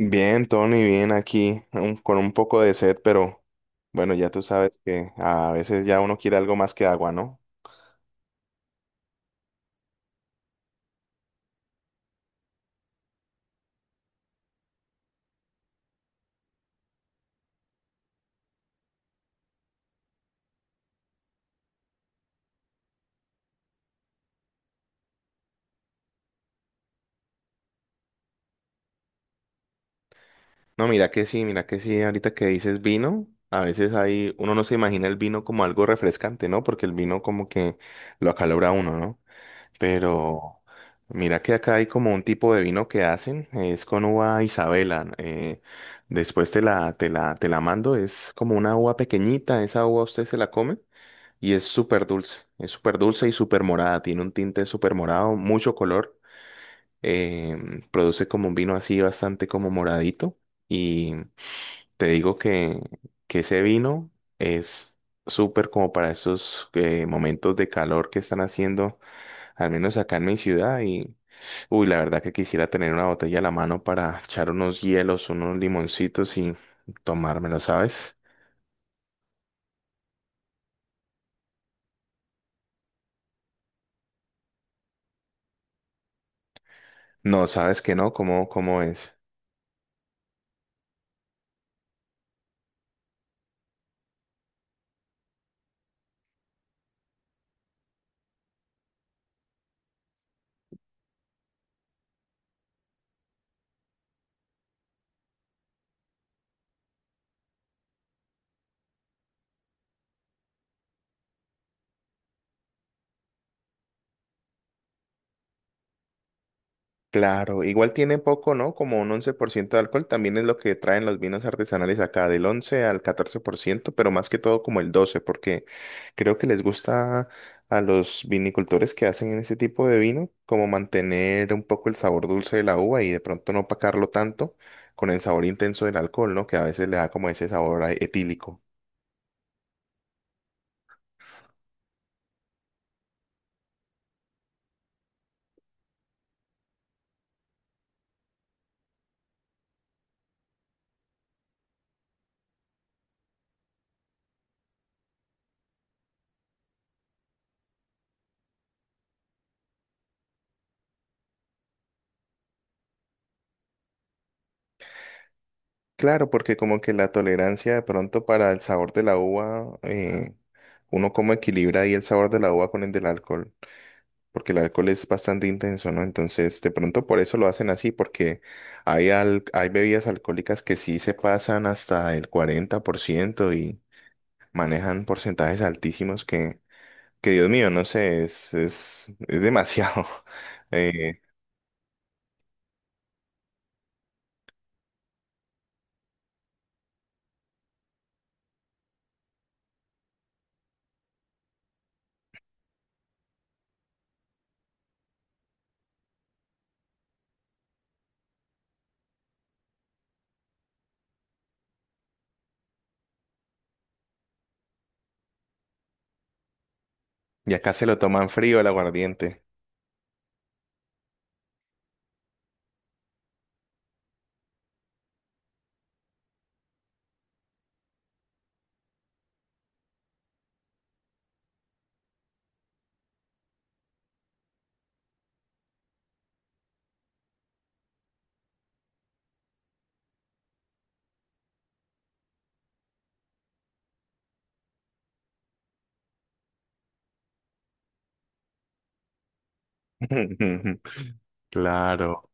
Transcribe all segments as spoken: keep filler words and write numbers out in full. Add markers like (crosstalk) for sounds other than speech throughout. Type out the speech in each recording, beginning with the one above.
Bien, Tony, bien aquí, un- con un poco de sed, pero bueno, ya tú sabes que a veces ya uno quiere algo más que agua, ¿no? No, mira que sí, mira que sí, ahorita que dices vino, a veces hay, uno no se imagina el vino como algo refrescante, ¿no? Porque el vino como que lo acalora a uno, ¿no? Pero mira que acá hay como un tipo de vino que hacen, es con uva Isabela, eh, después te la, te la, te la mando, es como una uva pequeñita, esa uva usted se la come. Y es súper dulce, es súper dulce y súper morada, tiene un tinte súper morado, mucho color, em, produce como un vino así bastante como moradito y te digo que, que ese vino es súper como para esos eh, momentos de calor que están haciendo, al menos acá en mi ciudad y uy, la verdad que quisiera tener una botella a la mano para echar unos hielos, unos limoncitos y tomármelo, ¿sabes? No, sabes que no, ¿cómo, cómo es? Claro, igual tiene poco, ¿no? Como un once por ciento de alcohol, también es lo que traen los vinos artesanales acá, del once al catorce por ciento, pero más que todo como el doce, porque creo que les gusta a los vinicultores que hacen ese tipo de vino, como mantener un poco el sabor dulce de la uva y de pronto no opacarlo tanto con el sabor intenso del alcohol, ¿no? Que a veces le da como ese sabor a- etílico. Claro, porque como que la tolerancia de pronto para el sabor de la uva, eh, uno como equilibra ahí el sabor de la uva con el del alcohol. Porque el alcohol es bastante intenso, ¿no? Entonces, de pronto por eso lo hacen así, porque hay, al- hay bebidas alcohólicas que sí se pasan hasta el cuarenta por ciento y manejan porcentajes altísimos que, que Dios mío, no sé, es, es, es demasiado. (laughs) Eh, y acá se lo toman frío el aguardiente. (laughs) Claro.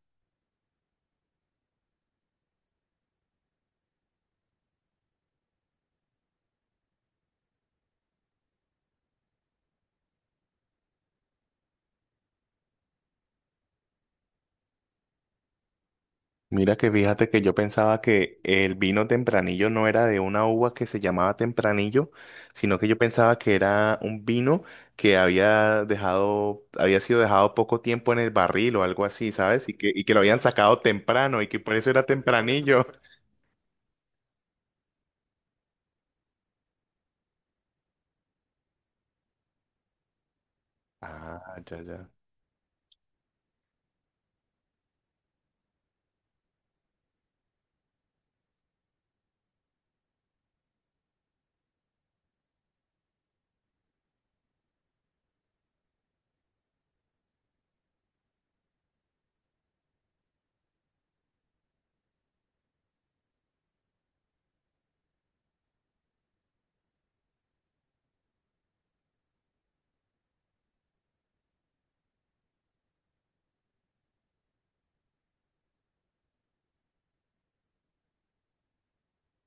Mira que fíjate que yo pensaba que el vino tempranillo no era de una uva que se llamaba tempranillo, sino que yo pensaba que era un vino que había dejado, había sido dejado poco tiempo en el barril o algo así, ¿sabes? Y que, y que lo habían sacado temprano y que por eso era tempranillo. (laughs) Ah, ya, ya.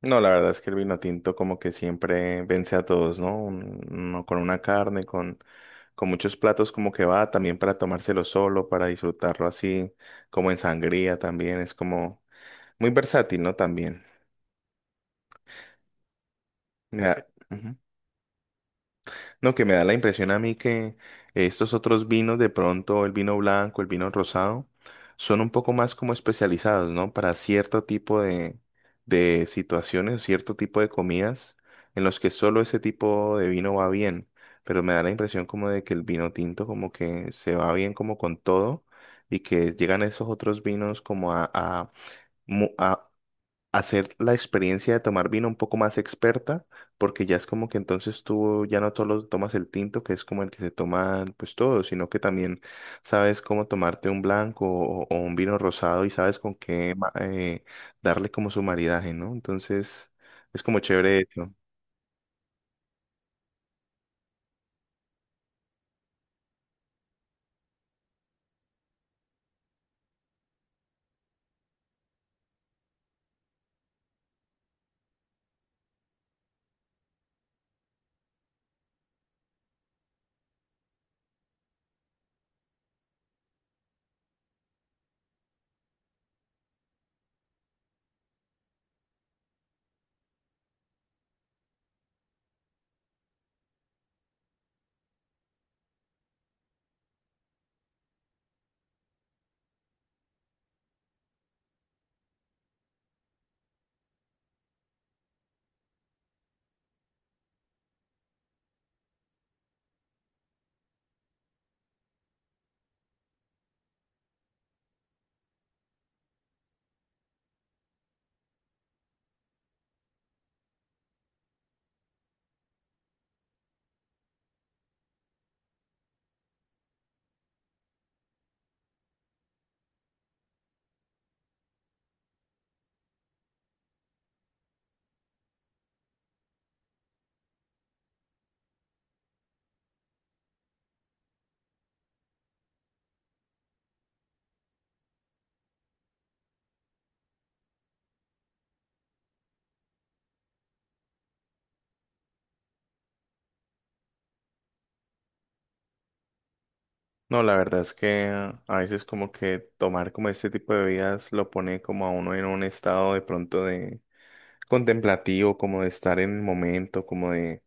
No, la verdad es que el vino tinto como que siempre vence a todos, ¿no? Un- Uno con una carne, con, con muchos platos como que va, también para tomárselo solo, para disfrutarlo así, como en sangría también, es como muy versátil, ¿no? También. Ya. Ujú. No, que me da la impresión a mí que estos otros vinos, de pronto el vino blanco, el vino rosado, son un poco más como especializados, ¿no? Para cierto tipo de, de situaciones, cierto tipo de comidas en los que solo ese tipo de vino va bien. Pero me da la impresión como de que el vino tinto como que se va bien como con todo y que llegan esos otros vinos como a, a, mu- a hacer la experiencia de tomar vino un poco más experta, porque ya es como que entonces tú ya no solo tomas el tinto, que es como el que se toma pues todo, sino que también sabes cómo tomarte un blanco o, o un vino rosado y sabes con qué ma- eh, darle como su maridaje, ¿no? Entonces es como chévere eso. No, la verdad es que a veces como que tomar como este tipo de bebidas lo pone como a uno en un estado de pronto de contemplativo, como de estar en el momento, como de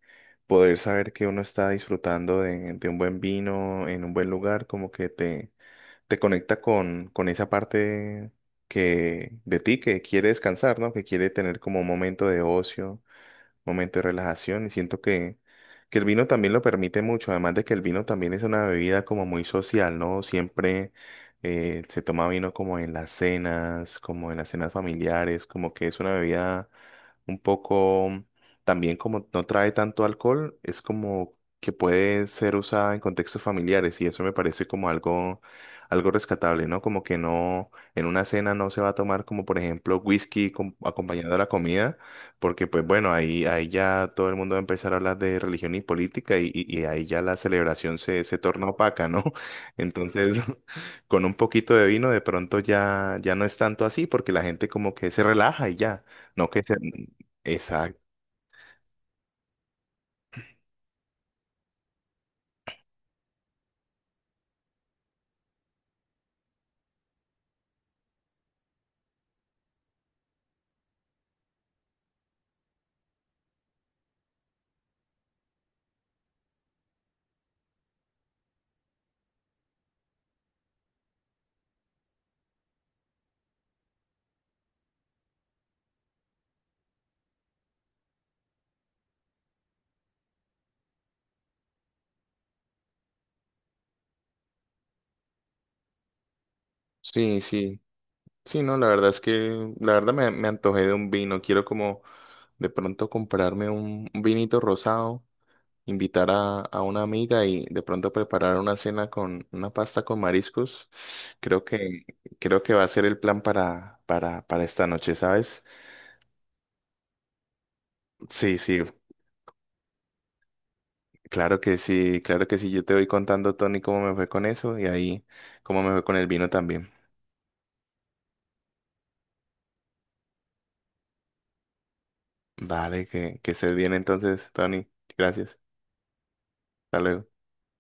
poder saber que uno está disfrutando de, de un buen vino en un buen lugar, como que te, te conecta con, con esa parte que, de ti que quiere descansar, ¿no? Que quiere tener como un momento de ocio momento de relajación y siento que, que el vino también lo permite mucho, además de que el vino también es una bebida como muy social, ¿no? Siempre eh, se toma vino como en las cenas, como en las cenas familiares, como que es una bebida un poco, también como no trae tanto alcohol, es como que puede ser usada en contextos familiares y eso me parece como algo, algo rescatable, ¿no? Como que no, en una cena no se va a tomar como por ejemplo whisky com- acompañado de la comida porque pues bueno, ahí, ahí ya todo el mundo va a empezar a hablar de religión y política y, y- y ahí ya la celebración se, se torna opaca, ¿no? (laughs) Entonces, (laughs) con un poquito de vino de pronto ya, ya no es tanto así porque la gente como que se relaja y ya, no que se... Exacto. Sí, sí. Sí, no, la verdad es que, la verdad me, me antojé de un vino. Quiero como de pronto comprarme un, un vinito rosado invitar a, a una amiga y de pronto preparar una cena con una pasta con mariscos. Creo que, creo que va a ser el plan para, para, para esta noche, ¿sabes? Sí, sí, claro que sí, claro que sí. Yo te voy contando, Tony, cómo me fue con eso y ahí cómo me fue con el vino también. Vale, que, que estés bien entonces, Tony. Gracias. Hasta luego.